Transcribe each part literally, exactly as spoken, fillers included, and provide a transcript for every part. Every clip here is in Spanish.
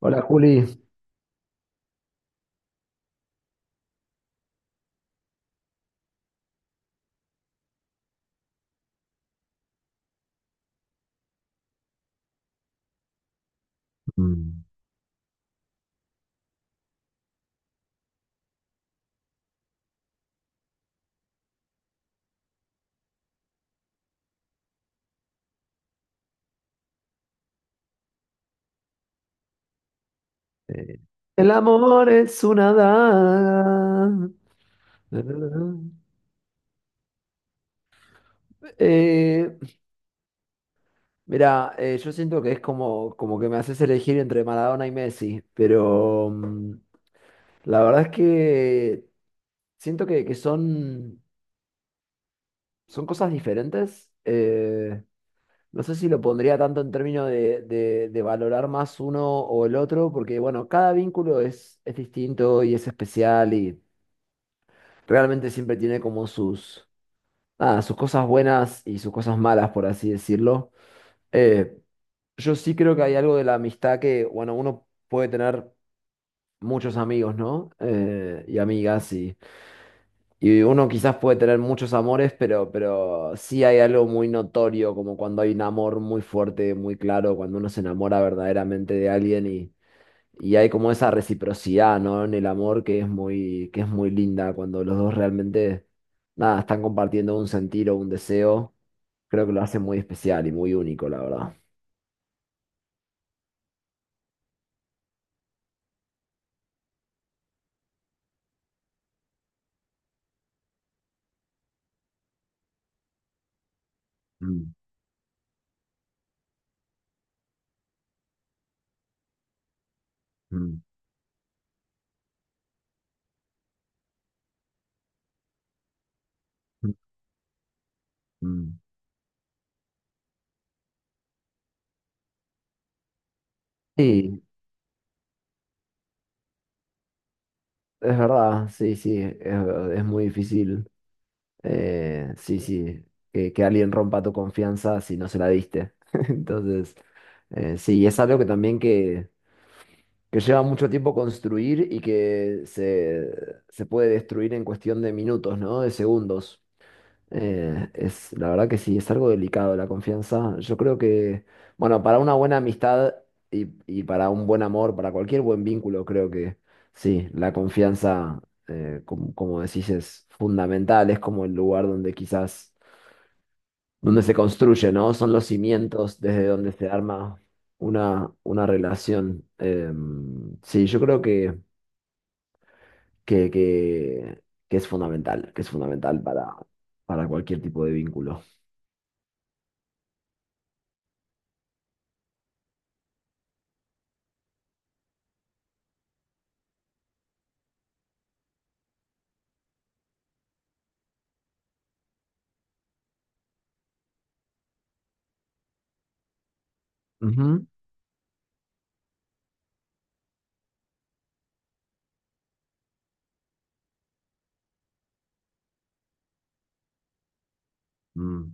Hola Juli. Mm. Eh, el amor es una daga. Eh, mira, eh, yo siento que es como, como que me haces elegir entre Maradona y Messi, pero mm, la verdad es que siento que, que son, son cosas diferentes. Eh, no sé si lo pondría tanto en términos de, de- de valorar más uno o el otro, porque bueno, cada vínculo es, es distinto y es especial y realmente siempre tiene como sus nada, sus cosas buenas y sus cosas malas, por así decirlo. Eh, yo sí creo que hay algo de la amistad que, bueno, uno puede tener muchos amigos, ¿no? Eh, y amigas, y, y uno quizás puede tener muchos amores, pero, pero sí hay algo muy notorio, como cuando hay un amor muy fuerte, muy claro, cuando uno se enamora verdaderamente de alguien y... Y hay como esa reciprocidad, ¿no? En el amor que es muy, que es muy linda cuando los dos realmente, nada, están compartiendo un sentir o un deseo. Creo que lo hace muy especial y muy único, la verdad. Mm, mm, mm, mm. Sí, es verdad, sí, sí, es, es muy difícil. Eh, sí, sí, que, que alguien rompa tu confianza si no se la diste. Entonces, eh, sí, es algo que también que, que lleva mucho tiempo construir y que se, se puede destruir en cuestión de minutos, ¿no? De segundos. Eh, es, la verdad que sí, es algo delicado la confianza. Yo creo que, bueno, para una buena amistad y, y para un buen amor, para cualquier buen vínculo, creo que sí, la confianza eh, como, como decís, es fundamental, es como el lugar donde quizás, donde se construye, ¿no? Son los cimientos desde donde se arma una, una relación. Em, sí, yo creo que, que, que, que es fundamental, que es fundamental para, para cualquier tipo de vínculo. Ujú. Mm.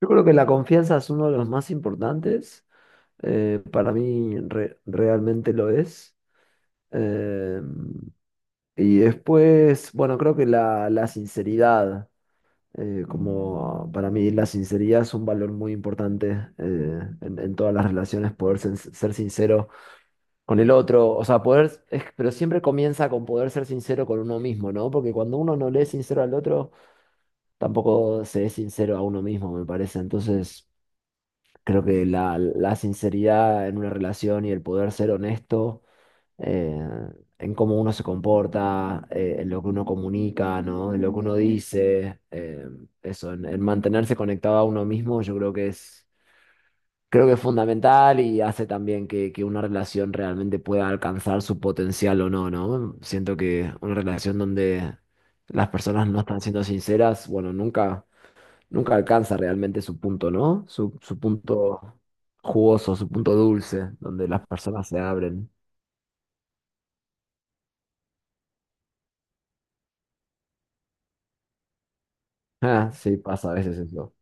Yo creo que la confianza es uno de los más importantes, eh, para mí re- realmente lo es. Eh, y después, bueno, creo que la, la sinceridad, eh, como para mí la sinceridad es un valor muy importante eh, en, en todas las relaciones, poder sen- ser sincero con el otro, o sea, poder, es- pero siempre comienza con poder ser sincero con uno mismo, ¿no? Porque cuando uno no le es sincero al otro, tampoco se es sincero a uno mismo, me parece. Entonces, creo que la, la sinceridad en una relación y el poder ser honesto eh, en cómo uno se comporta, eh, en lo que uno comunica, ¿no? En lo que uno dice, eh, eso, en, en mantenerse conectado a uno mismo, yo creo que es, creo que es fundamental y hace también que, que una relación realmente pueda alcanzar su potencial o no, ¿no? Siento que una relación donde las personas no están siendo sinceras, bueno, nunca, nunca alcanza realmente su punto, ¿no? Su, su punto jugoso, su punto dulce, donde las personas se abren. Ah, sí, pasa a veces eso.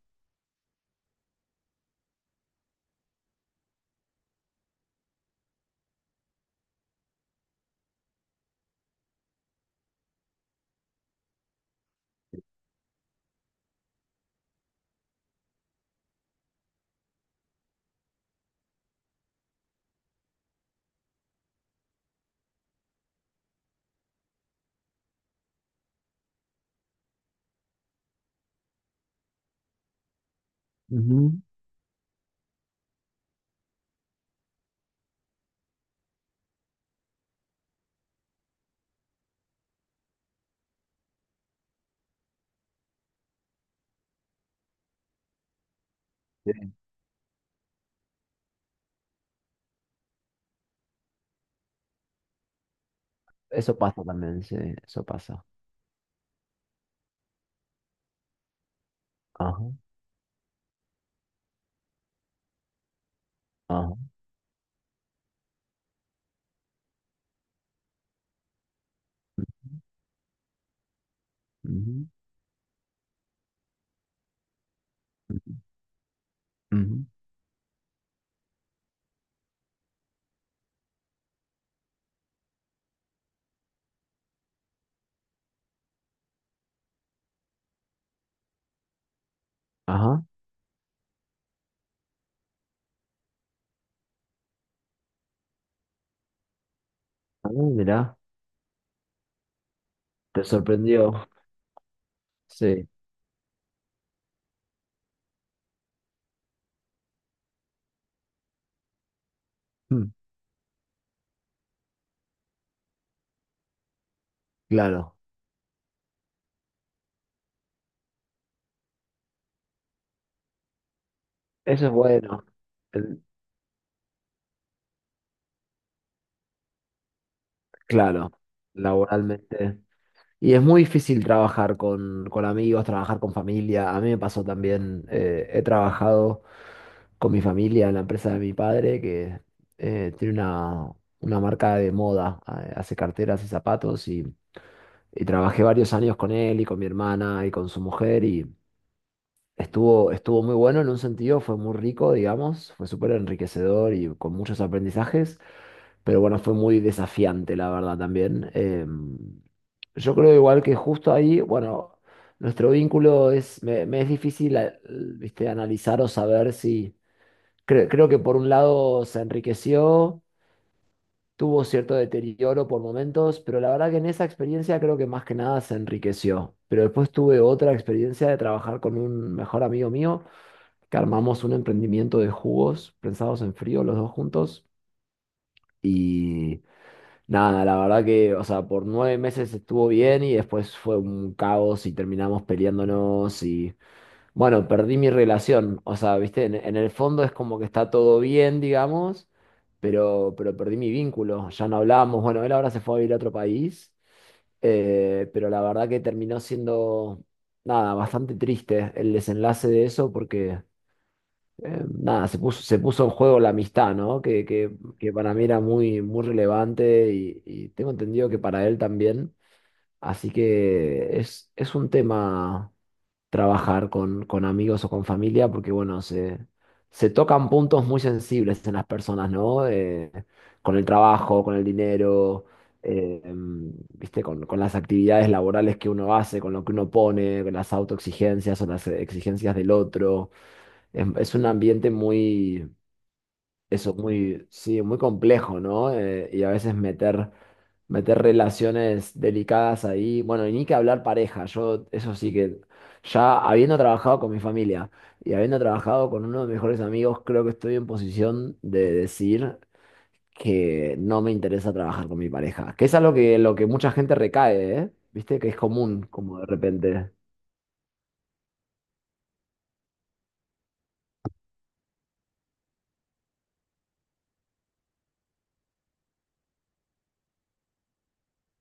Ujú, sí. Eso pasa también, sí, eso pasa. Ajá, ajá, ujú, ujú, ujú, ajá. Ah, mirá, te sorprendió. Sí, mm, claro. Eso es bueno. El- claro, laboralmente. Y es muy difícil trabajar con, con amigos, trabajar con familia. A mí me pasó también, eh, he trabajado con mi familia en la empresa de mi padre, que eh, tiene una, una marca de moda, eh, hace carteras y zapatos. y Y trabajé varios años con él y con mi hermana y con su mujer y estuvo, estuvo muy bueno en un sentido, fue muy rico, digamos, fue súper enriquecedor y con muchos aprendizajes, pero bueno, fue muy desafiante, la verdad, también. Em, yo creo igual que justo ahí, bueno, nuestro vínculo es, me, me es difícil, eh, viste, analizar o saber si, cre- creo que por un lado se enriqueció, tuvo cierto deterioro por momentos, pero la verdad que en esa experiencia creo que más que nada se enriqueció. Pero después tuve otra experiencia de trabajar con un mejor amigo mío, que armamos un emprendimiento de jugos prensados en frío los dos juntos. Y nada, la verdad que, o sea, por nueve meses estuvo bien y después fue un caos y terminamos peleándonos y bueno, perdí mi relación. O sea, viste, en, en el fondo es como que está todo bien, digamos, pero, pero perdí mi vínculo. Ya no hablábamos. Bueno, él ahora se fue a vivir a otro país, eh, pero la verdad que terminó siendo, nada, bastante triste el desenlace de eso porque, eh, nada, se puso, se puso en juego la amistad, ¿no? Que, que, que para mí era muy, muy relevante y, y tengo entendido que para él también. Así que es, es un tema trabajar con, con amigos o con familia, porque bueno, se, se tocan puntos muy sensibles en las personas, ¿no? Eh, con el trabajo, con el dinero, eh, em, ¿viste? Con, con las actividades laborales que uno hace, con lo que uno pone, con las autoexigencias o las eh, exigencias del otro. Es, es un ambiente muy eso muy, sí, muy complejo, ¿no? Eh, y a veces meter, meter relaciones delicadas ahí. Bueno, y ni que hablar pareja. Yo, eso sí que, ya habiendo trabajado con mi familia y habiendo trabajado con uno de mis mejores amigos, creo que estoy en posición de decir que no me interesa trabajar con mi pareja. Que es algo que, lo que mucha gente recae, ¿eh? ¿Viste? Que es común, como de repente.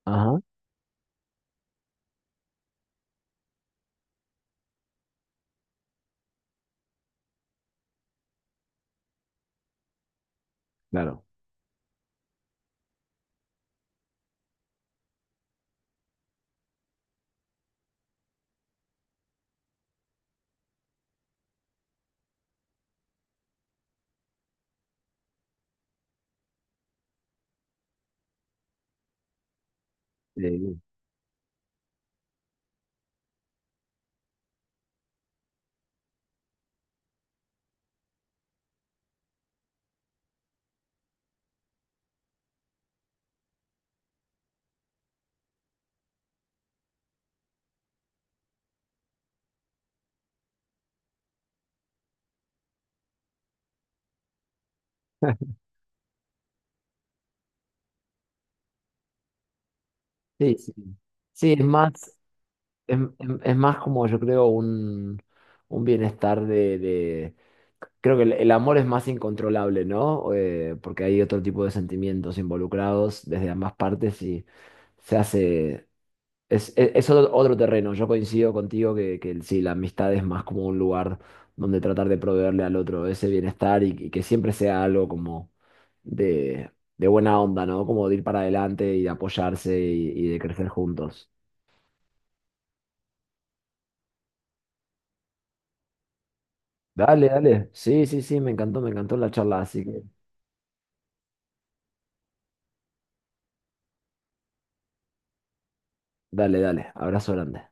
Ajá, claro. Sí. Sí, sí. Sí, es más. Es, es- es más como yo creo un, un bienestar de, de- Creo que el, el amor es más incontrolable, ¿no? Eh, porque hay otro tipo de sentimientos involucrados desde ambas partes y se hace... Es, es, es otro, otro terreno. Yo coincido contigo que, que el- sí, la amistad es más como un lugar donde tratar de proveerle al otro ese bienestar y, y que siempre sea algo como de, de buena onda, ¿no? Como de ir para adelante y de apoyarse y y de crecer juntos. Dale, dale. Sí, sí, sí, me encantó, me encantó la charla, así que dale, dale. Abrazo grande.